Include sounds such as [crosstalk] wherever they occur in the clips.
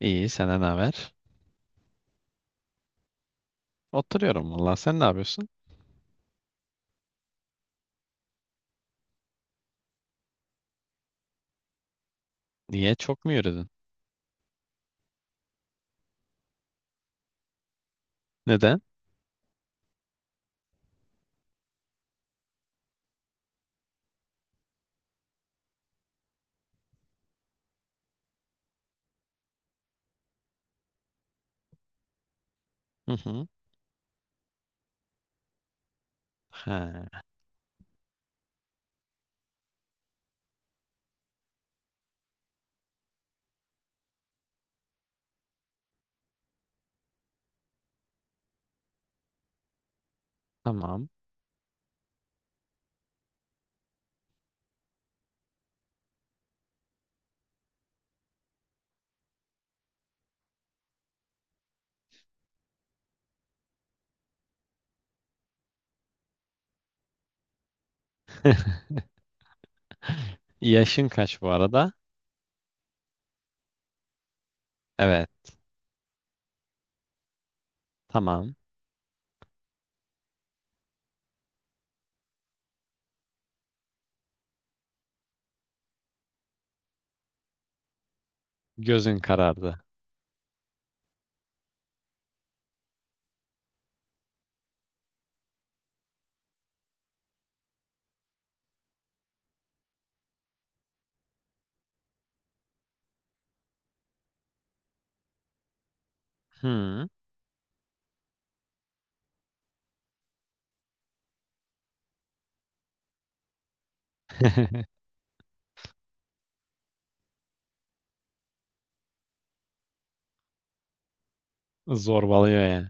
İyi, senden ne haber? Oturuyorum valla. Sen ne yapıyorsun? Niye? Çok mu yürüdün? Neden? Hı hı. Ha, tamam. [laughs] Yaşın kaç bu arada? Evet, tamam. Gözün karardı. Hı. [laughs] Zorbalıyor yani.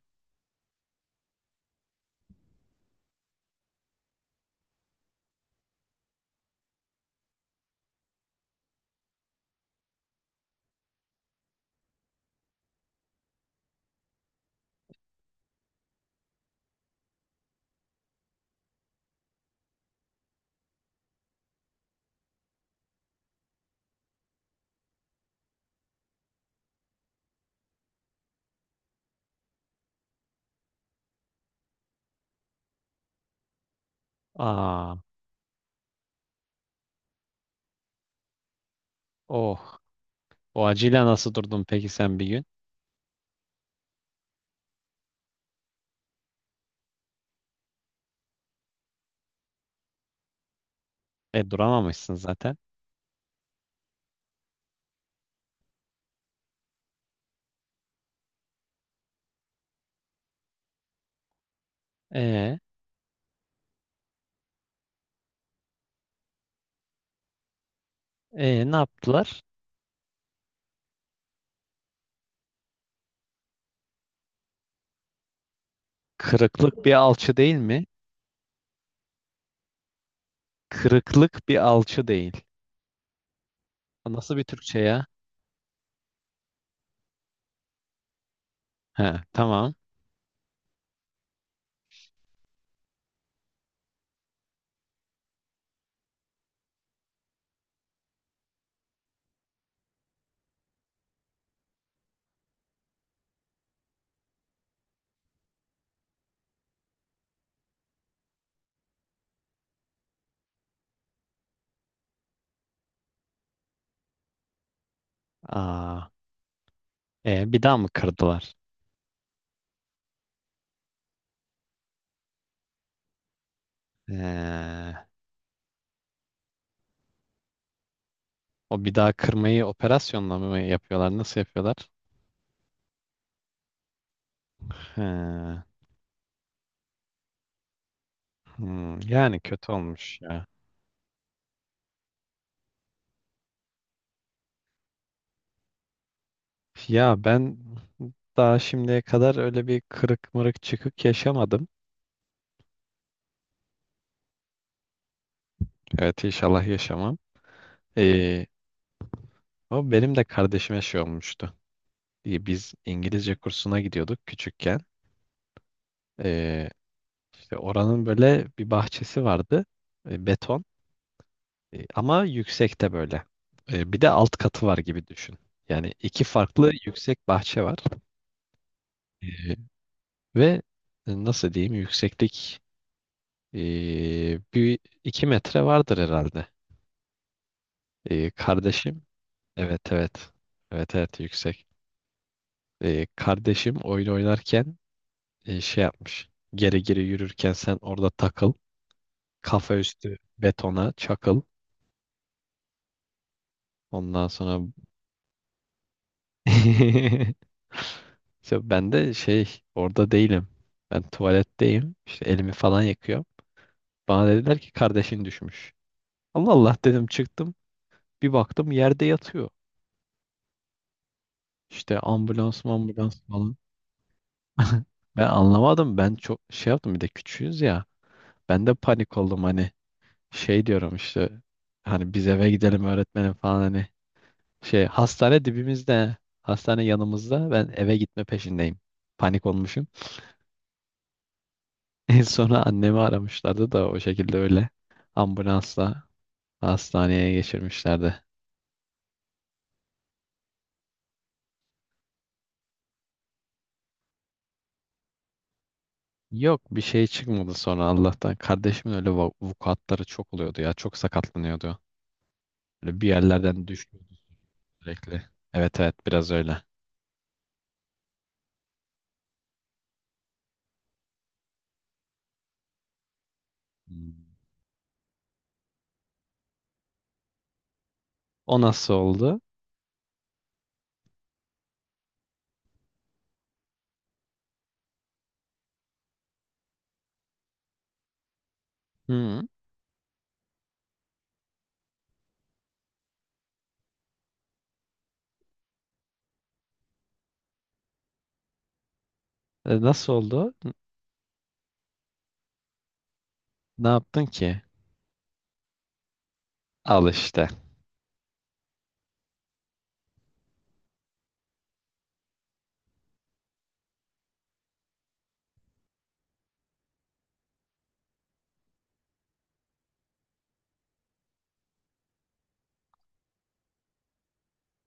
Aa, oh. O acıyla nasıl durdun peki sen bir gün? E duramamışsın zaten. E, e, ne yaptılar? Kırıklık bir alçı değil mi? Kırıklık bir alçı değil. Nasıl bir Türkçe ya? He, tamam. Aa. E, bir daha mı kırdılar? E, o bir daha kırmayı operasyonla mı yapıyorlar? Nasıl yapıyorlar? He, hmm, yani kötü olmuş ya. Ya ben daha şimdiye kadar öyle bir kırık mırık çıkık yaşamadım. Evet inşallah yaşamam. E, o benim de kardeşime şey olmuştu. E, biz İngilizce kursuna gidiyorduk küçükken. E, işte oranın böyle bir bahçesi vardı. E, beton. E, ama yüksekte böyle. E, bir de alt katı var gibi düşün. Yani iki farklı yüksek bahçe var. E, ve Nasıl diyeyim, yükseklik e, bir iki metre vardır herhalde. E, kardeşim evet evet, evet evet yüksek. E, kardeşim oyun oynarken şey yapmış. Geri geri yürürken sen orada takıl. Kafa üstü betona çakıl. Ondan sonra [laughs] İşte ben de şey orada değilim. Ben tuvaletteyim. İşte elimi falan yakıyor. Bana dediler ki kardeşin düşmüş. Allah Allah dedim, çıktım. Bir baktım yerde yatıyor. İşte ambulans mı ambulans falan. [laughs] Ben anlamadım. Ben çok şey yaptım, bir de küçüğüz ya. Ben de panik oldum, hani şey diyorum işte, hani biz eve gidelim öğretmenim falan, hani şey, hastane dibimizde, hastane yanımızda, ben eve gitme peşindeyim. Panik olmuşum. [laughs] En sonra annemi aramışlardı da o şekilde öyle ambulansla hastaneye geçirmişlerdi. Yok bir şey çıkmadı sonra Allah'tan. Kardeşimin öyle va- vukuatları çok oluyordu ya. Çok sakatlanıyordu. Böyle bir yerlerden düşüyordu sürekli. Evet evet, biraz öyle. Hmm. O nasıl oldu? Hı. E, nasıl oldu? N- ne yaptın ki? Al işte.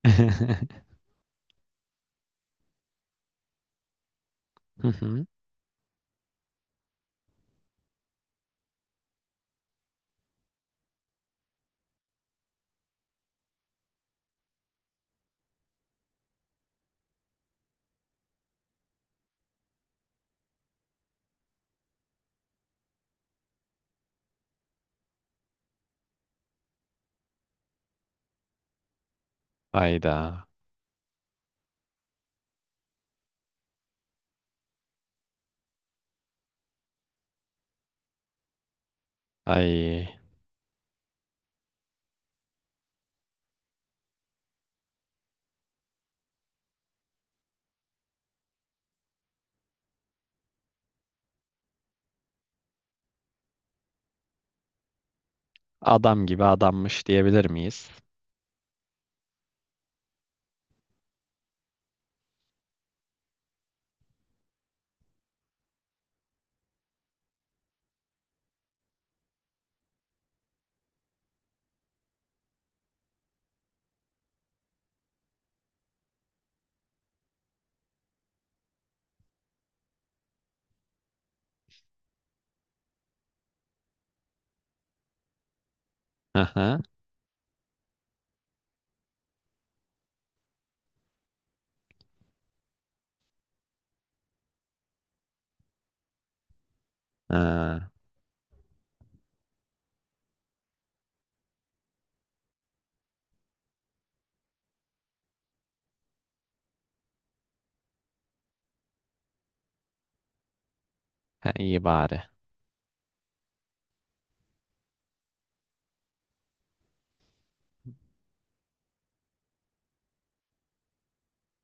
[laughs] Hı hı. Hayda. Ay. Adam gibi adammış diyebilir miyiz? Hı hı. Ha, ha iyi bari.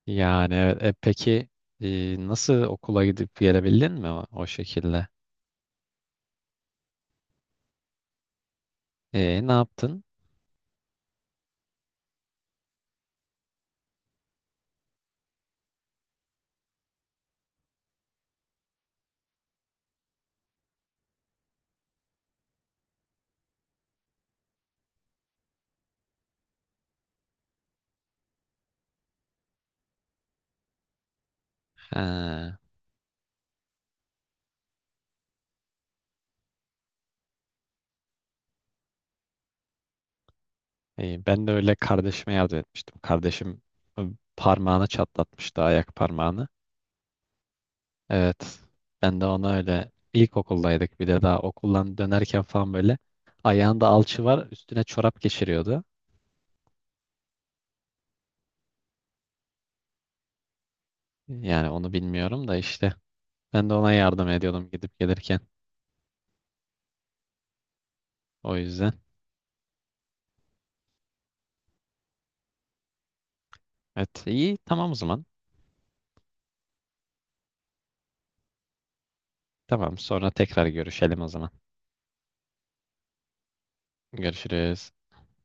Yani evet. E, peki nasıl okula gidip gelebildin mi, o, o şekilde? E, ne yaptın? Ha, ben de öyle kardeşime yardım etmiştim. Kardeşim, e, parmağını çatlatmıştı, ayak parmağını. Evet. Ben de ona öyle, ilkokuldaydık bir de, daha okuldan dönerken falan böyle, ayağında alçı var, üstüne çorap geçiriyordu. Yani onu bilmiyorum da, işte ben de ona yardım ediyordum gidip gelirken. O yüzden. Evet iyi, tamam o zaman. Tamam sonra tekrar görüşelim o zaman. Görüşürüz.